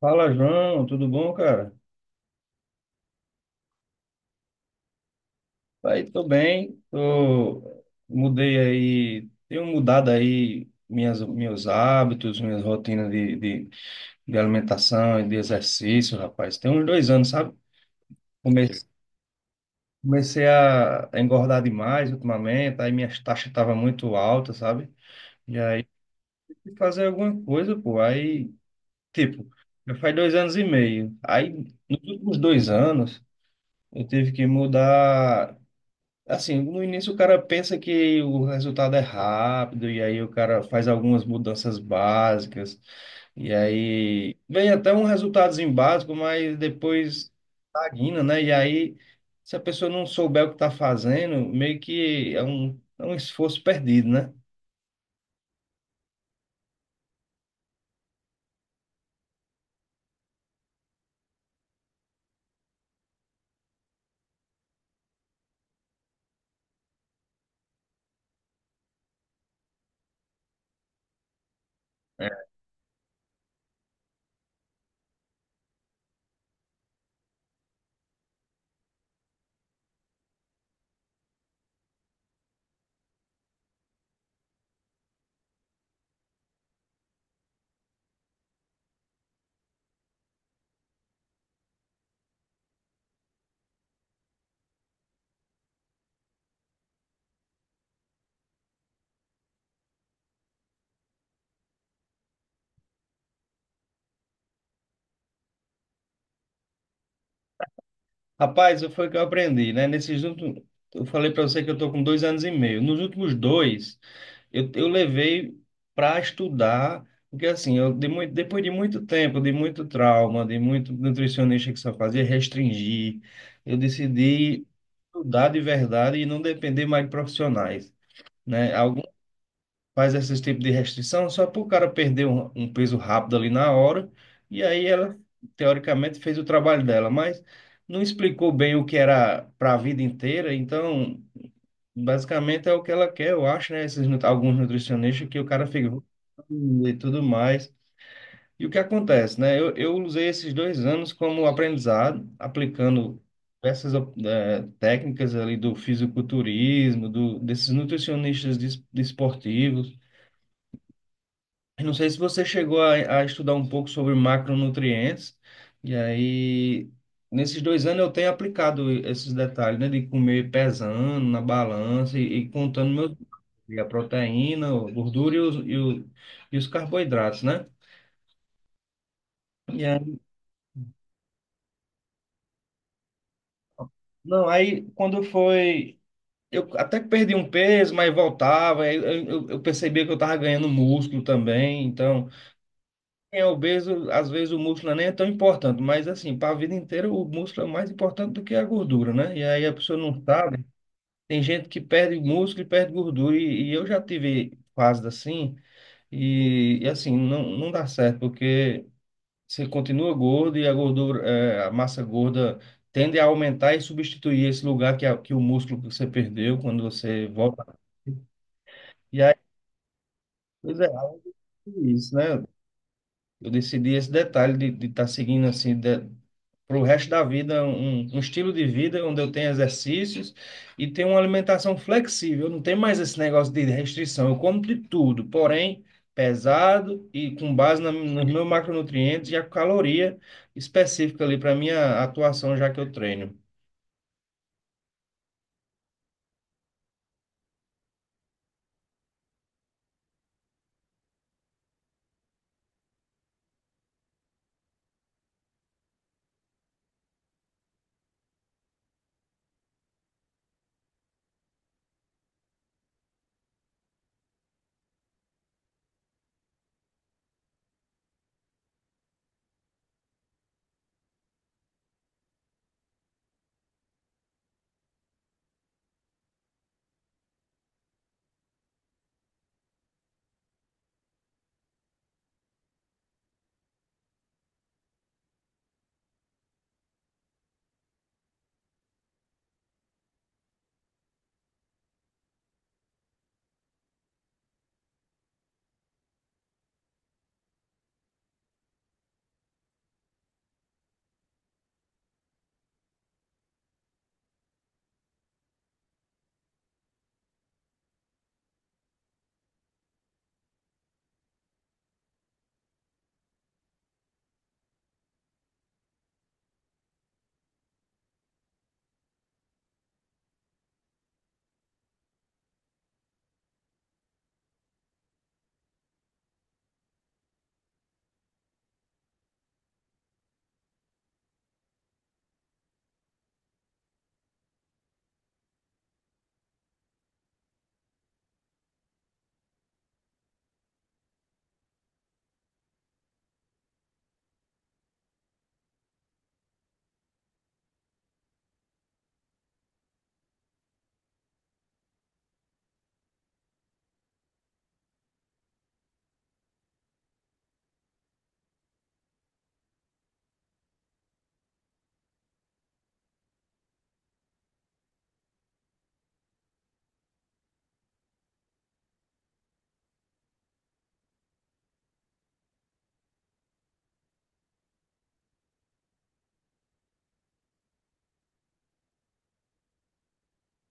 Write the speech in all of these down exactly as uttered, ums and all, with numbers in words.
Fala, João, tudo bom, cara? Aí, tô bem, tô... mudei aí, tenho mudado aí minhas, meus hábitos, minhas rotinas de, de, de alimentação e de exercício, rapaz. Tem uns dois anos, sabe? Come- Comecei a a engordar demais ultimamente, aí minhas taxas estavam muito altas, sabe? E aí, tive que fazer alguma coisa, pô. Aí, tipo, já faz dois anos e meio. Aí, nos últimos dois anos, eu tive que mudar. Assim, no início o cara pensa que o resultado é rápido, e aí o cara faz algumas mudanças básicas, e aí vem até um resultadozinho básico, mas depois estagna, né? E aí, se a pessoa não souber o que está fazendo, meio que é um, é um esforço perdido, né? Rapaz, eu- foi o que eu aprendi, né? Nesses últimos, eu falei para você que eu tô com dois anos e meio. Nos últimos dois, eu, eu levei para estudar, porque assim, eu de muito, depois de muito tempo, de muito trauma, de muito nutricionista que só fazia restringir, eu decidi estudar de verdade e não depender mais de profissionais, né? Faz esse tipo de restrição só para o cara perder um, um peso rápido ali na hora. E aí ela, teoricamente, fez o trabalho dela, mas não explicou bem o que era para a vida inteira. Então, basicamente é o que ela quer, eu acho, né? Esses, nu- alguns nutricionistas que o cara fica "Hum", e tudo mais. E o que acontece, né? Eu, eu usei esses dois anos como aprendizado, aplicando essas eh, técnicas ali do fisiculturismo, do, desses nutricionistas des- desportivos. Eu não sei se você chegou a, a estudar um pouco sobre macronutrientes, e aí, nesses dois anos eu tenho aplicado esses detalhes, né, de comer pesando na balança e, e contando meus, e a proteína, a gordura e os, e, o- e os carboidratos, né? E aí, não, aí quando foi, eu até que perdi um peso, mas voltava, aí eu, eu eu percebia que eu estava ganhando músculo também, então. Quem é obeso, às vezes o músculo nem é tão importante, mas assim, para a vida inteira o músculo é mais importante do que a gordura, né? E aí a pessoa não sabe. Tem gente que perde músculo e perde gordura, e, e eu já tive fases assim, e, e assim, não, não dá certo, porque você continua gordo e a gordura, é, a massa gorda tende a aumentar e substituir esse lugar que, a, que o músculo que você perdeu quando você volta. E aí, pois é, isso, né? Eu decidi esse detalhe de estar seguindo assim para o resto da vida um, um estilo de vida onde eu tenho exercícios e tenho uma alimentação flexível. Não tem mais esse negócio de restrição. Eu como de tudo, porém pesado e com base na, nos meus macronutrientes e a caloria específica ali para minha atuação já que eu treino.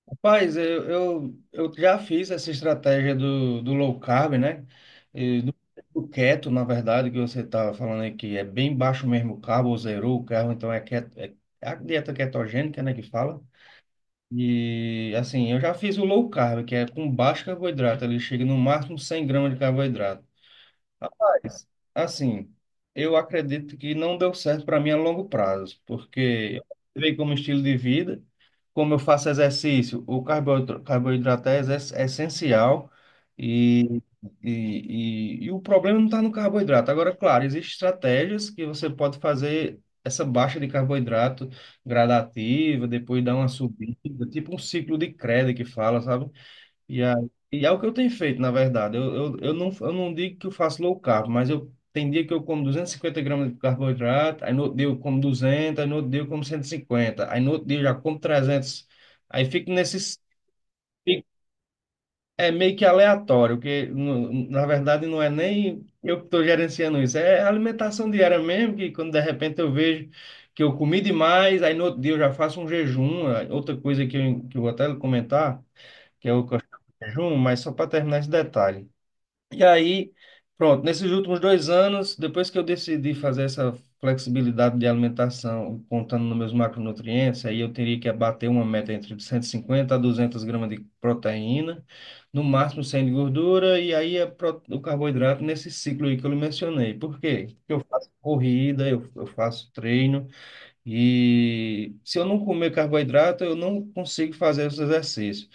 Rapaz, eu, eu, eu já fiz essa estratégia do, do low carb, né? E do, do keto, na verdade, que você está falando aí, que é bem baixo mesmo o carbo, ou zerou o carbo, então é, keto, é é a dieta ketogênica, né, que fala. E, assim, eu já fiz o low carb, que é com baixo carboidrato, ele chega no máximo cem gramas de carboidrato. Rapaz, assim, eu acredito que não deu certo para mim a longo prazo, porque eu entrei como estilo de vida, como eu faço exercício, o carboidra- carboidrato é exes- é essencial e, e, e, e o problema não está no carboidrato. Agora, claro, existem estratégias que você pode fazer essa baixa de carboidrato gradativa, depois dar uma subida, tipo um ciclo de Krebs que fala, sabe? E é, e é o que eu tenho feito, na verdade. Eu, eu, eu, não, eu não digo que eu faço low carb, mas eu tem dia que eu como duzentos e cinquenta gramas de carboidrato, aí no outro dia eu como duzentos, aí no outro dia eu como cento e cinquenta, aí no outro dia eu já como trezentos. Aí fico nesses... fico- É meio que aleatório, porque no- na verdade não é nem eu que estou gerenciando isso, é alimentação diária mesmo, que quando de repente eu vejo que eu comi demais, aí no outro dia eu já faço um jejum. É outra coisa que eu, que eu vou até comentar, que eu, que eu jejum, mas só para terminar esse detalhe. E aí, pronto, nesses últimos dois anos, depois que eu decidi fazer essa flexibilidade de alimentação, contando nos meus macronutrientes, aí eu teria que abater uma meta entre cento e cinquenta a duzentos gramas de proteína, no máximo cem de gordura, e aí é pro- o carboidrato nesse ciclo aí que eu lhe mencionei. Por quê? Porque eu faço corrida, eu, eu faço treino, e se eu não comer carboidrato, eu não consigo fazer os exercícios.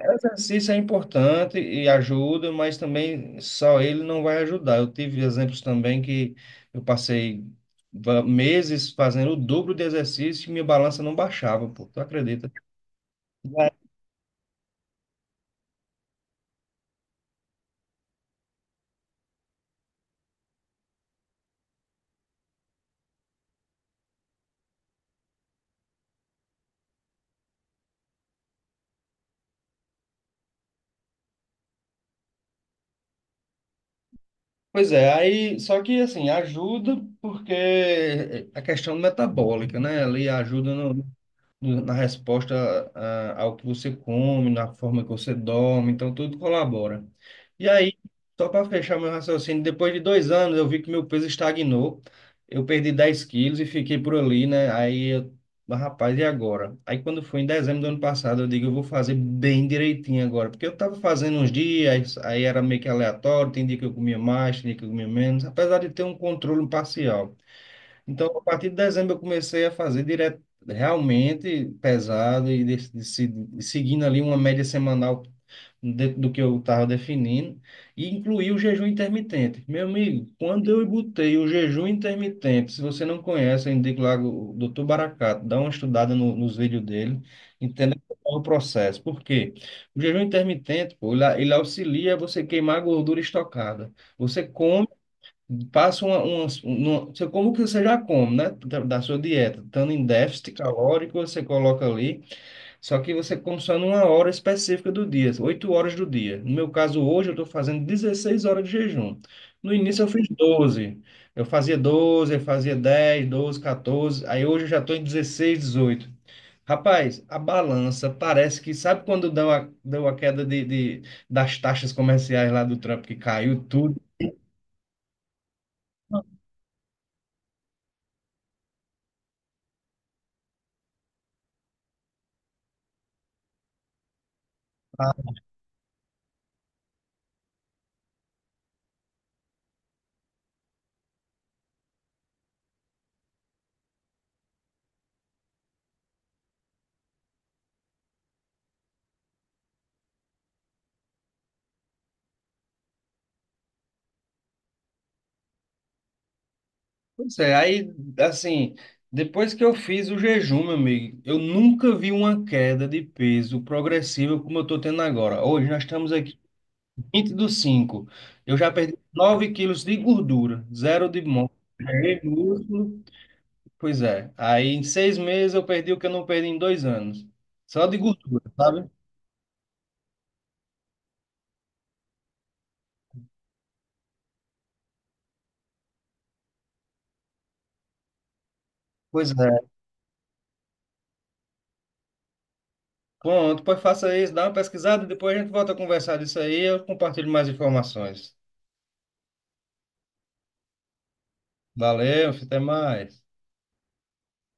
Exercício é importante e ajuda, mas também só ele não vai ajudar. Eu tive exemplos também que eu passei va- meses fazendo o dobro de exercício e minha balança não baixava, pô, tu acredita? Vai. Pois é, aí só que assim, ajuda porque a questão metabólica, né? Ali ajuda no, na resposta ah, ao que você come, na forma que você dorme, então tudo colabora. E aí, só para fechar meu raciocínio, depois de dois anos eu vi que meu peso estagnou, eu perdi dez quilos e fiquei por ali, né? Aí eu, mas, rapaz, e agora? Aí quando foi em dezembro do ano passado, eu digo, eu vou fazer bem direitinho agora, porque eu tava fazendo uns dias, aí era meio que aleatório, tem dia que eu comia mais, tem dia que eu comia menos, apesar de ter um controle parcial. Então, a partir de dezembro, eu comecei a fazer direto, realmente pesado e de, de, se- de seguindo ali uma média semanal dentro do que eu estava definindo, e incluí o jejum intermitente. Meu amigo, quando eu botei o jejum intermitente, se você não conhece, eu indico lá o Doutor Baracato, dá uma estudada no- nos vídeos dele, entenda qual é o processo. Por quê? O jejum intermitente, pô, ele, ele auxilia você queimar a gordura estocada. Você come. Faça uma, uma, uma- você- como que você já come, né? Da da sua dieta. Estando em déficit calórico, você coloca ali. Só que você come só numa hora específica do dia, oito horas do dia. No meu caso, hoje, eu estou fazendo dezesseis horas de jejum. No início, eu fiz doze. Eu fazia doze, eu fazia dez, doze, quatorze. Aí hoje eu já estou em dezesseis, dezoito. Rapaz, a balança parece que, sabe quando deu a, deu a queda de, de, das taxas comerciais lá do Trump, que caiu tudo? Pois é, aí, assim, depois que eu fiz o jejum, meu amigo, eu nunca vi uma queda de peso progressiva como eu tô tendo agora. Hoje nós estamos aqui vinte do cinco. Eu já perdi nove quilos de gordura, zero de mão, músculo. Pois é, aí em seis meses eu perdi o que eu não perdi em dois anos. Só de gordura, sabe? Pois é. Pronto, pois faça isso, dá uma pesquisada, depois a gente volta a conversar disso aí, eu compartilho mais informações. Valeu, até mais.